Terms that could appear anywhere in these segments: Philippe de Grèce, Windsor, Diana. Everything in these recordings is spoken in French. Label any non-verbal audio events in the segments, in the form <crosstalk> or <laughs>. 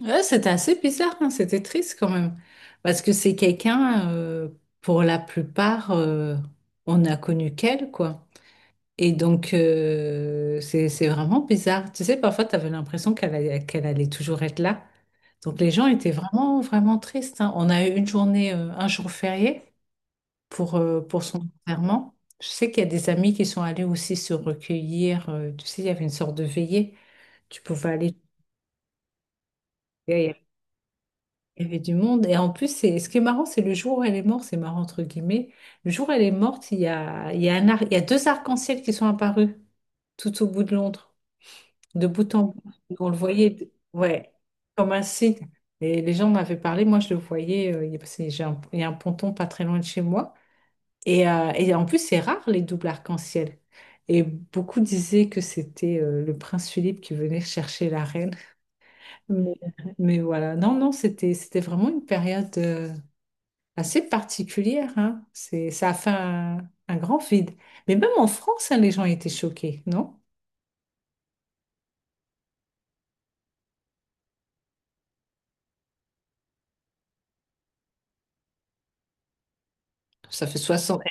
Ouais, c'était assez bizarre, hein. C'était triste quand même. Parce que c'est quelqu'un, pour la plupart, on n'a connu qu'elle, quoi. Et donc, c'est vraiment bizarre. Tu sais, parfois, tu avais l'impression qu'elle allait toujours être là. Donc, les gens étaient vraiment, vraiment tristes, hein. On a eu un jour férié pour son enterrement. Je sais qu'il y a des amis qui sont allés aussi se recueillir. Tu sais, il y avait une sorte de veillée. Tu pouvais aller. Il y avait du monde. Et en plus, ce qui est marrant, c'est le jour où elle est morte, c'est marrant entre guillemets. Le jour où elle est morte, il y a deux arcs-en-ciel qui sont apparus tout au bout de Londres, de bout en bout. On le voyait, ouais, comme un signe. Et les gens m'avaient parlé, moi je le voyais, parce que il y a un ponton pas très loin de chez moi. Et en plus, c'est rare les doubles arcs-en-ciel. Et beaucoup disaient que c'était le prince Philippe qui venait chercher la reine. Mais, mais voilà, non, non, c'était vraiment une période, assez particulière, hein. Ça a fait un grand vide. Mais même en France, hein, les gens étaient choqués, non? Ça fait soixante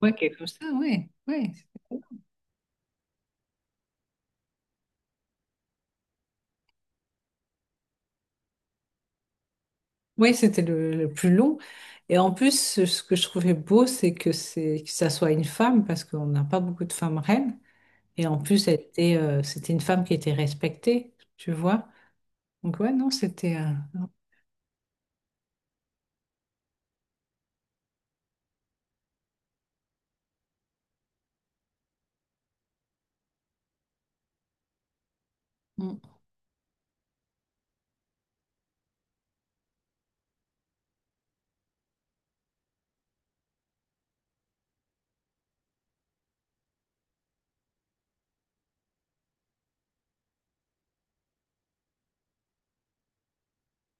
mois quelque chose comme ça, ouais, ouais. Oui, c'était le plus long. Et en plus, ce que je trouvais beau, c'est que ça soit une femme, parce qu'on n'a pas beaucoup de femmes reines. Et en plus, c'était une femme qui était respectée, tu vois. Donc ouais, non, Mm.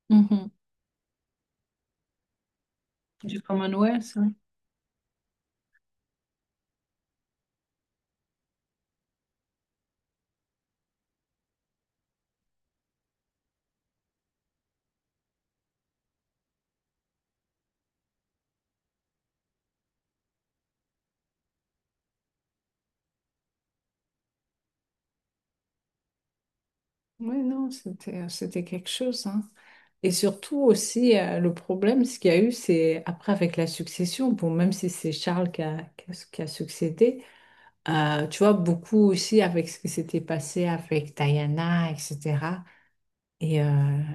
Mhm. Du Commonwealth. Ouais, ouais, non, c'était c'était quelque chose. Hein. Et surtout aussi, le problème, ce qu'il y a eu, c'est après avec la succession, bon, même si c'est Charles qui a succédé, tu vois, beaucoup aussi avec ce qui s'était passé avec Diana, etc. Et, euh,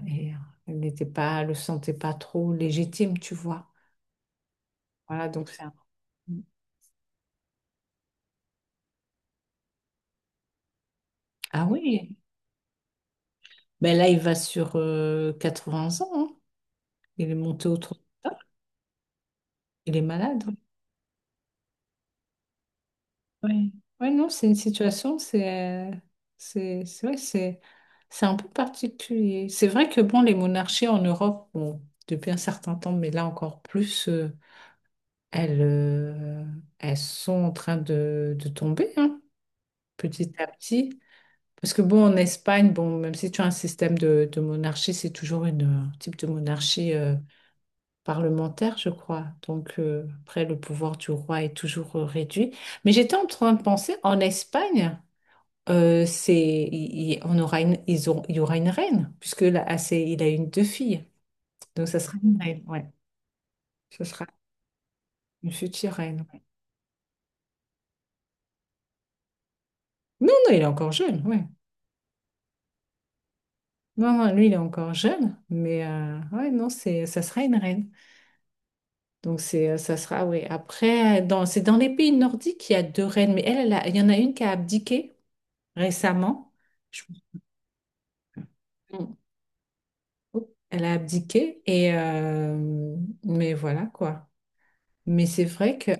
et euh, elle le sentait pas trop légitime, tu vois. Voilà, donc c'est un... Ah oui, ben là, il va sur 80 ans, hein. Il est monté au trône. Il est malade, hein. Oui, ouais, non, c'est une situation, c'est vrai, c'est un peu particulier. C'est vrai que bon, les monarchies en Europe, bon, depuis un certain temps, mais là encore plus, elles, euh, elles sont en train de tomber, hein, petit à petit. Parce que bon, en Espagne, bon, même si tu as un système de monarchie, c'est toujours un type de monarchie parlementaire, je crois. Donc après, le pouvoir du roi est toujours réduit. Mais j'étais en train de penser, en Espagne c'est, il- on aura une, ils auront- il y aura une reine, puisque là, ah, il a une deux filles. Donc, ça sera une reine, ouais. Ce sera une future reine. Ouais. Non, non, il est encore jeune, ouais. Non, non, lui, il est encore jeune, mais ouais, non, ça sera une reine. Donc, ça sera, ouais. Après, c'est dans les pays nordiques qu'il y a deux reines, mais il y en a une qui a abdiqué récemment. Je- Oups, elle a abdiqué, et, mais voilà, quoi. Mais c'est vrai que...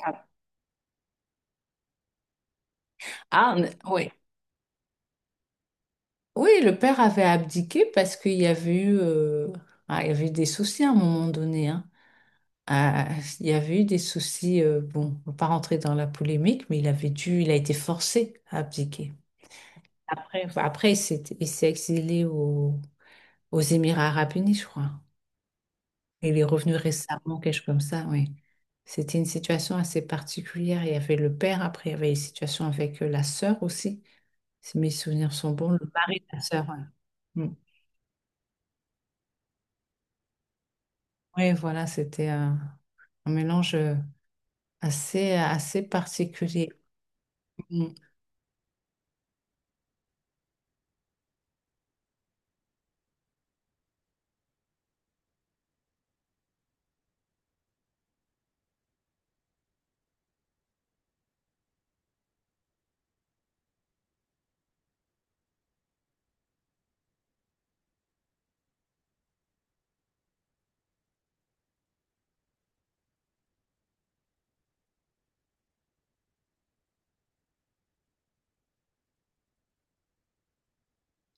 Ah, ouais. Oui, le père avait abdiqué parce qu'il y avait eu, il y avait eu des soucis à un moment donné, hein. Ah, il y avait eu des soucis, bon, on va pas rentrer dans la polémique, mais il a été forcé à abdiquer. Après, enfin, après, il s'est exilé aux Émirats arabes unis, je crois. Il est revenu récemment, quelque chose comme ça, oui. C'était une situation assez particulière. Il y avait le père, après, il y avait une situation avec la sœur aussi, si mes souvenirs sont bons, le mari de la sœur. Ouais. Mm. Oui, voilà, c'était un mélange assez, assez particulier. Mm.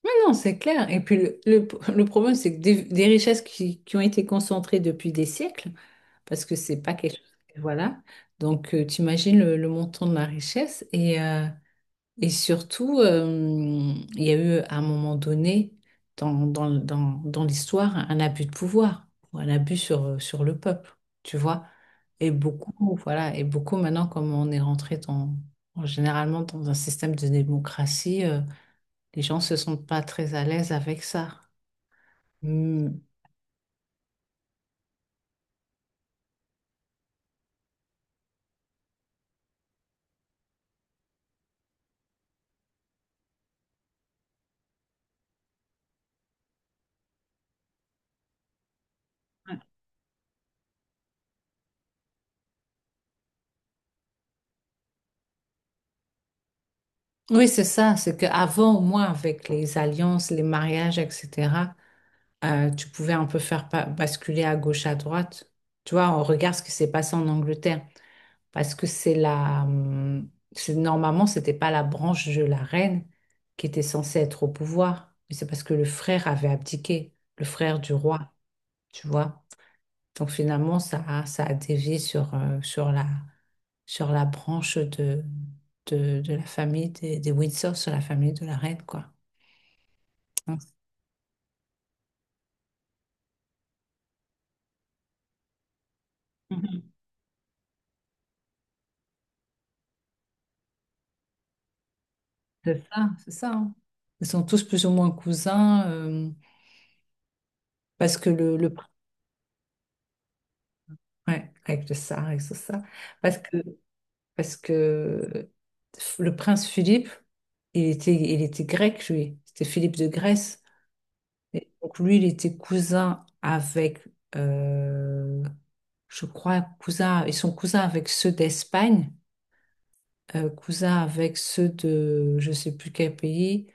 Mais non, c'est clair. Et puis, le problème, c'est que des richesses qui ont été concentrées depuis des siècles, parce que c'est pas quelque chose. Voilà. Donc, tu imagines le montant de la richesse. Et surtout, il y a eu à un moment donné dans l'histoire un abus de pouvoir, ou un abus sur le peuple, tu vois. Et beaucoup maintenant, comme on est rentré généralement dans un système de démocratie, les gens se sentent pas très à l'aise avec ça. Hmm. Oui, c'est ça, c'est qu'avant, au moins, avec les alliances, les mariages, etc., tu pouvais un peu faire basculer à gauche, à droite. Tu vois, on regarde ce qui s'est passé en Angleterre. Parce que normalement, c'était pas la branche de la reine qui était censée être au pouvoir. Mais c'est parce que le frère avait abdiqué, le frère du roi, tu vois. Donc finalement, ça a dévié sur la branche de la famille des Windsor, sur la famille de la reine, quoi. Hein. C'est ça, c'est ça. Hein. Ils sont tous plus ou moins cousins parce que ouais, avec le ça, avec ce ça, parce que parce que le prince Philippe, il était grec lui, c'était Philippe de Grèce. Et donc lui, il était cousin avec euh, je crois cousin, ils sont cousins avec ceux d'Espagne, cousins avec ceux de je sais plus quel pays.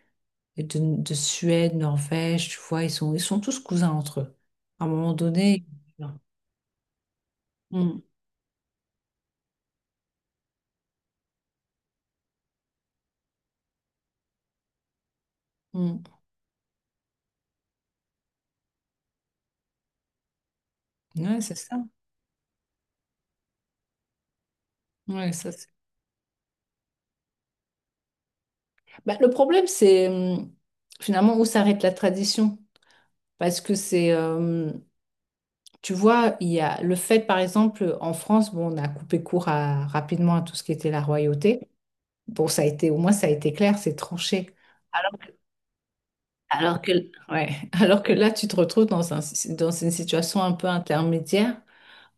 Et de Suède, Norvège, tu vois, ils sont tous cousins entre eux. À un moment donné. Mm, mm. Ouais, c'est ça. Ouais, ça c'est- Bah, le problème, c'est finalement où s'arrête la tradition. Parce que tu vois, il y a le fait, par exemple, en France, bon, on a coupé court rapidement à tout ce qui était la royauté. Bon, ça a été, au moins, ça a été clair, c'est tranché. Alors que, alors que, ouais, <laughs> alors que là, tu te retrouves dans une situation un peu intermédiaire.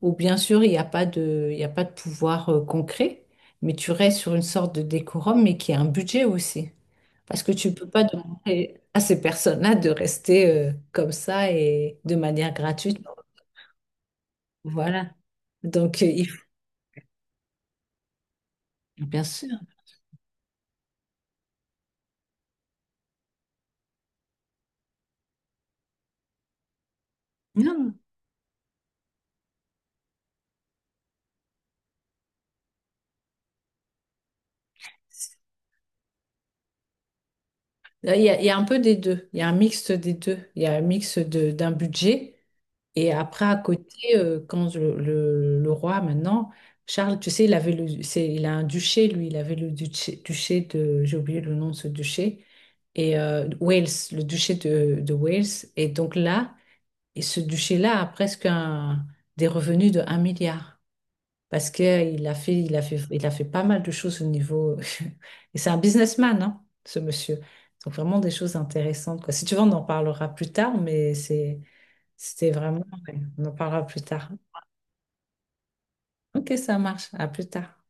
Ou bien sûr il n'y a pas de, il n'y a pas de pouvoir concret, mais tu restes sur une sorte de décorum, mais qui a un budget aussi. Parce que tu ne peux pas demander à ces personnes-là de rester comme ça et de manière gratuite. Voilà. Donc, il faut, bien sûr. Non. Là, il y a un peu des deux. Il y a un mixte des deux. Il y a un mix d'un budget. Et après, à côté, quand le roi, maintenant, Charles, tu sais, il avait le, c'est, il a un duché, lui, il avait le duché, duché de, j'ai oublié le nom de ce duché, et Wales, le duché de Wales. Et donc là, et ce duché-là a presque des revenus de 1 milliard. Parce qu'il a fait, il a fait, il a fait pas mal de choses au niveau. <laughs> Et c'est un businessman, hein, ce monsieur. Donc vraiment des choses intéressantes, quoi. Si tu veux, on en parlera plus tard, C'était vraiment... Ouais, on en parlera plus tard. Ok, ça marche. À plus tard.